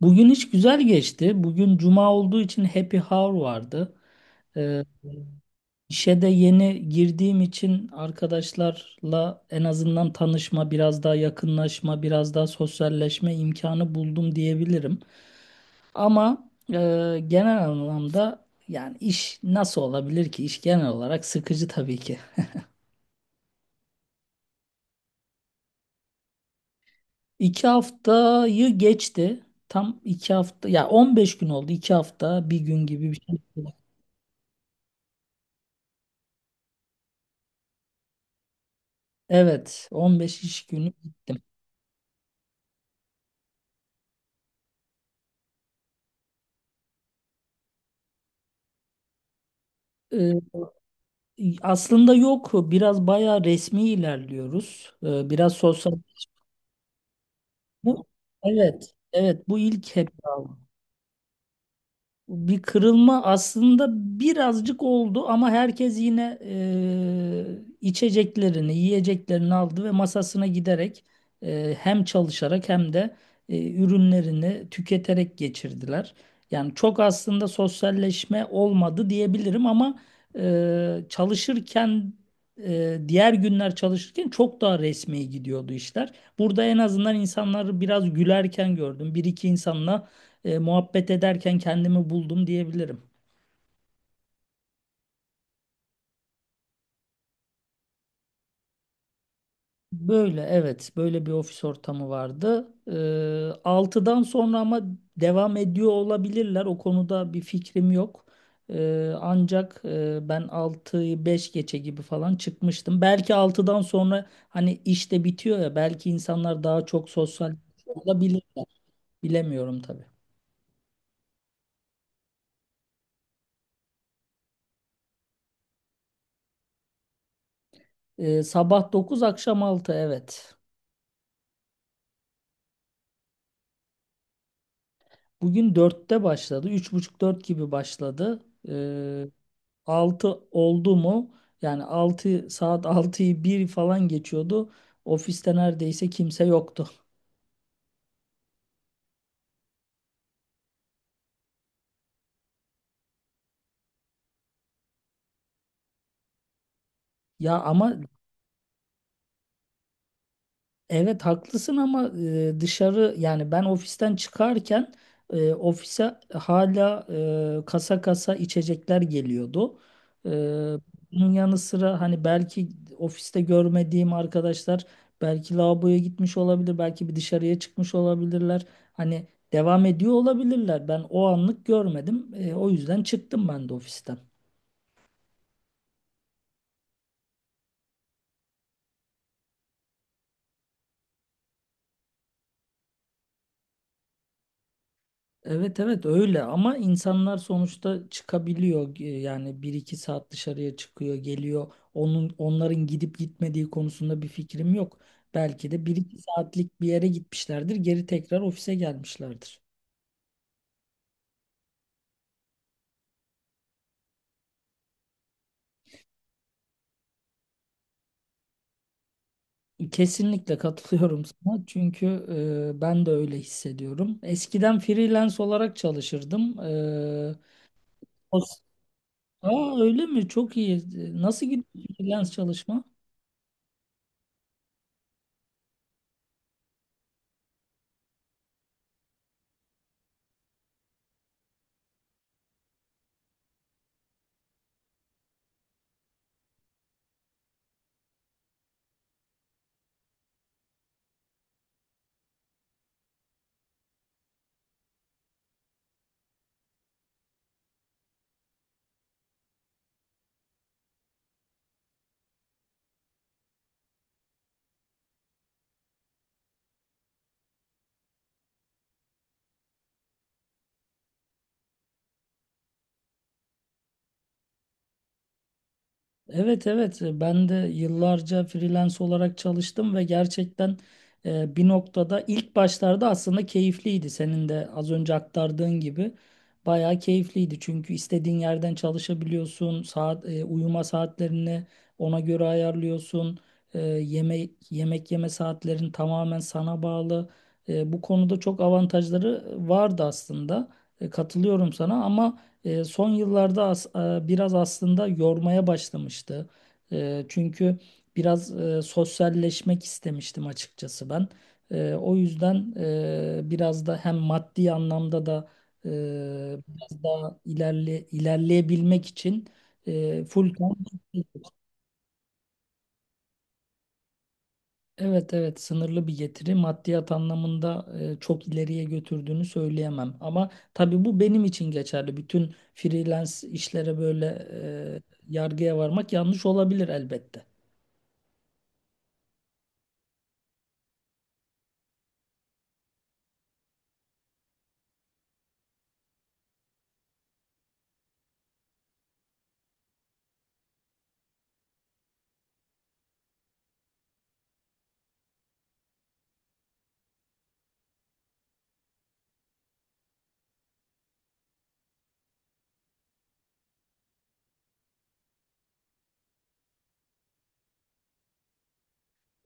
Bugün hiç güzel geçti. Bugün cuma olduğu için happy hour vardı. Ee, işe de yeni girdiğim için arkadaşlarla en azından tanışma, biraz daha yakınlaşma, biraz daha sosyalleşme imkanı buldum diyebilirim. Ama genel anlamda yani iş nasıl olabilir ki? İş genel olarak sıkıcı tabii ki. 2 haftayı geçti. Tam 2 hafta, ya 15 gün oldu. 2 hafta, bir gün gibi bir şey. Evet, 15 iş günü. Ee, aslında yok. Biraz bayağı resmi ilerliyoruz. Biraz sosyal. Bu- Evet, evet. Bu ilk heba. Bir kırılma aslında birazcık oldu ama herkes yine içeceklerini, yiyeceklerini aldı ve masasına giderek hem çalışarak hem de ürünlerini tüketerek geçirdiler. Yani çok aslında sosyalleşme olmadı diyebilirim ama çalışırken diğer günler çalışırken çok daha resmi gidiyordu işler. Burada en azından insanları biraz gülerken gördüm. Bir iki insanla muhabbet ederken kendimi buldum diyebilirim. Böyle evet, böyle bir ofis ortamı vardı. 6'dan sonra ama devam ediyor olabilirler. O konuda bir fikrim yok. Ancak ben 6'yı 5 geçe gibi falan çıkmıştım. Belki altıdan sonra hani iş de bitiyor ya, belki insanlar daha çok sosyal olabilirler. Bilemiyorum tabii. Sabah 9, akşam altı evet. Bugün 4'te başladı. Üç buçuk dört gibi başladı. E, 6 oldu mu? Yani 6 saat, altıyı bir falan geçiyordu. Ofiste neredeyse kimse yoktu. Ya ama Evet, haklısın ama dışarı yani ben ofisten çıkarken ofise hala kasa kasa içecekler geliyordu. E, bunun yanı sıra hani belki ofiste görmediğim arkadaşlar belki lavaboya gitmiş olabilir, belki bir dışarıya çıkmış olabilirler. Hani devam ediyor olabilirler. Ben o anlık görmedim. O yüzden çıktım ben de ofisten. Evet, evet, öyle ama insanlar sonuçta çıkabiliyor. Yani bir iki saat dışarıya çıkıyor geliyor, onların gidip gitmediği konusunda bir fikrim yok, belki de bir iki saatlik bir yere gitmişlerdir, geri tekrar ofise gelmişlerdir. Kesinlikle katılıyorum sana çünkü ben de öyle hissediyorum. Eskiden freelance olarak çalışırdım. O- Aa, öyle mi? Çok iyi. Nasıl gidiyor freelance çalışma? Evet, evet, ben de yıllarca freelance olarak çalıştım ve gerçekten bir noktada ilk başlarda aslında keyifliydi. Senin de az önce aktardığın gibi bayağı keyifliydi. Çünkü istediğin yerden çalışabiliyorsun. Uyuma saatlerini ona göre ayarlıyorsun. Yemek yeme saatlerin tamamen sana bağlı. Bu konuda çok avantajları vardı aslında. Katılıyorum sana ama son yıllarda biraz aslında yormaya başlamıştı. Çünkü biraz sosyalleşmek istemiştim açıkçası ben. O yüzden biraz da hem maddi anlamda da e, biraz daha ilerleyebilmek için full time. Evet, evet, sınırlı bir getiri, maddiyat anlamında çok ileriye götürdüğünü söyleyemem. Ama tabii bu benim için geçerli. Bütün freelance işlere böyle yargıya varmak yanlış olabilir elbette.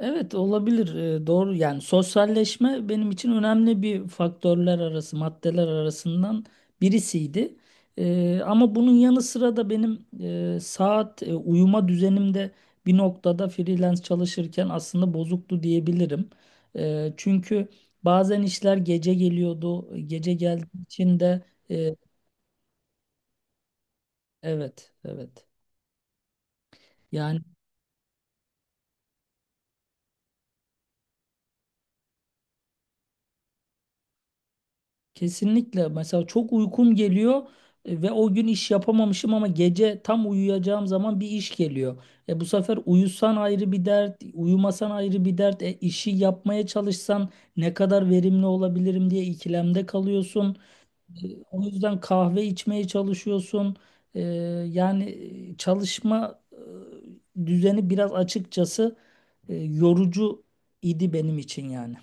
Evet, olabilir. Doğru yani sosyalleşme benim için önemli bir faktörler arası, maddeler arasından birisiydi. Ama bunun yanı sıra da benim uyuma düzenimde bir noktada freelance çalışırken aslında bozuktu diyebilirim. Çünkü bazen işler gece geliyordu, gece geldiği için de e, evet, evet, yani. Kesinlikle. Mesela çok uykum geliyor ve o gün iş yapamamışım ama gece tam uyuyacağım zaman bir iş geliyor. Bu sefer uyusan ayrı bir dert, uyumasan ayrı bir dert. E işi yapmaya çalışsan ne kadar verimli olabilirim diye ikilemde kalıyorsun. O yüzden kahve içmeye çalışıyorsun. E, yani çalışma düzeni biraz açıkçası yorucu idi benim için yani.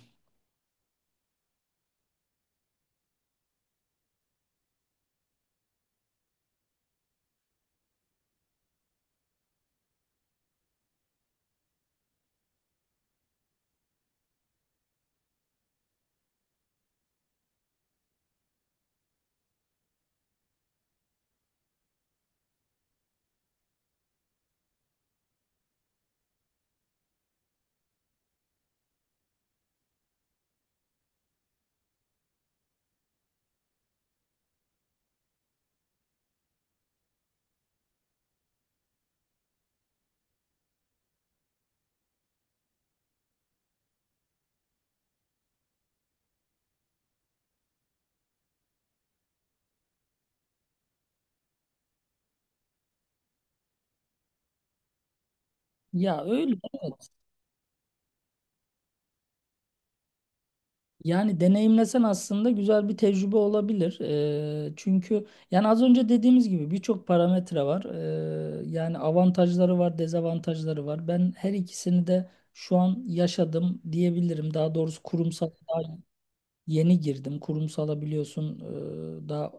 Ya, öyle. Evet. Yani deneyimlesen aslında güzel bir tecrübe olabilir. Çünkü yani az önce dediğimiz gibi birçok parametre var. Yani avantajları var, dezavantajları var. Ben her ikisini de şu an yaşadım diyebilirim. Daha doğrusu kurumsal. Yeni girdim. Kurumsala biliyorsun daha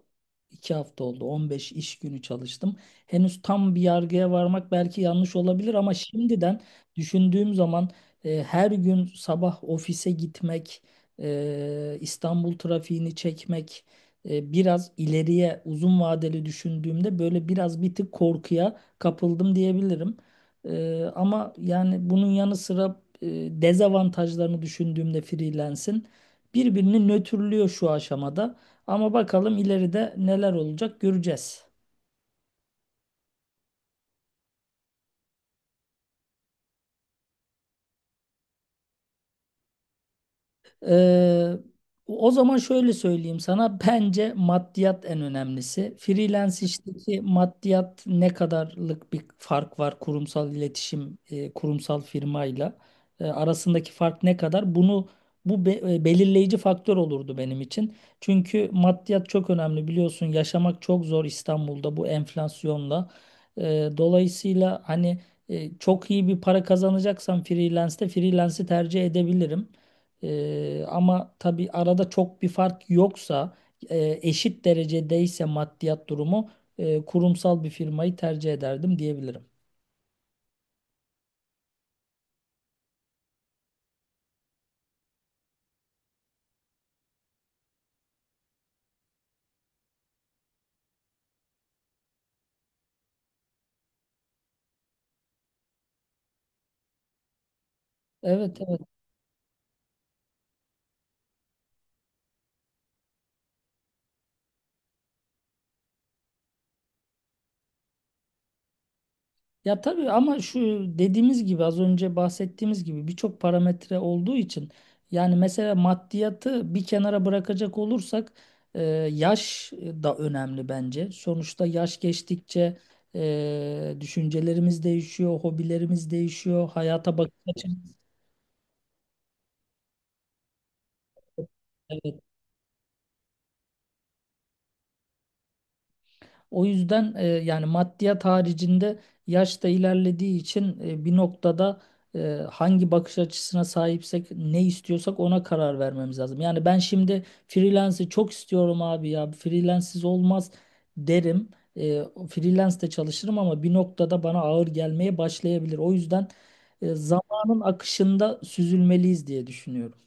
2 hafta oldu. 15 iş günü çalıştım. Henüz tam bir yargıya varmak belki yanlış olabilir ama şimdiden düşündüğüm zaman her gün sabah ofise gitmek, İstanbul trafiğini çekmek, biraz ileriye uzun vadeli düşündüğümde böyle biraz bir tık korkuya kapıldım diyebilirim. Ama yani bunun yanı sıra dezavantajlarını düşündüğümde freelance'in birbirini nötrlüyor şu aşamada. Ama bakalım ileride neler olacak, göreceğiz. Ee, o zaman şöyle söyleyeyim sana, bence maddiyat en önemlisi. Freelance işteki maddiyat ne kadarlık bir fark var kurumsal iletişim, kurumsal firmayla arasındaki fark ne kadar? Bunu bu be- e, belirleyici faktör olurdu benim için. Çünkü maddiyat çok önemli, biliyorsun yaşamak çok zor İstanbul'da bu enflasyonla. Dolayısıyla hani çok iyi bir para kazanacaksam freelance'i tercih edebilirim. Ama tabii arada çok bir fark yoksa, eşit derecedeyse maddiyat durumu, kurumsal bir firmayı tercih ederdim diyebilirim. Evet, evet. Ya tabii ama şu dediğimiz gibi, az önce bahsettiğimiz gibi birçok parametre olduğu için yani, mesela maddiyatı bir kenara bırakacak olursak e, yaş da önemli bence. Sonuçta yaş geçtikçe düşüncelerimiz değişiyor, hobilerimiz değişiyor, hayata bakış açımız. Evet. O yüzden yani maddiyat haricinde yaş da ilerlediği için bir noktada e, hangi bakış açısına sahipsek, ne istiyorsak ona karar vermemiz lazım. Yani ben şimdi freelance'i çok istiyorum abi, ya freelance'siz olmaz derim. E, freelance de çalışırım ama bir noktada bana ağır gelmeye başlayabilir. O yüzden zamanın akışında süzülmeliyiz diye düşünüyorum.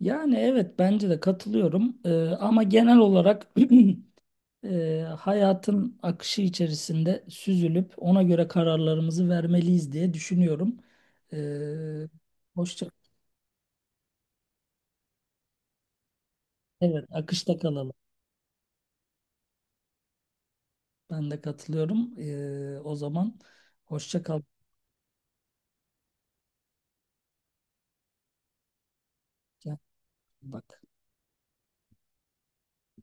Yani evet, bence de katılıyorum. Ama genel olarak hayatın akışı içerisinde süzülüp ona göre kararlarımızı vermeliyiz diye düşünüyorum. Ee, hoşça, evet, akışta kalalım. Ben de katılıyorum. O zaman hoşça kal. Bak.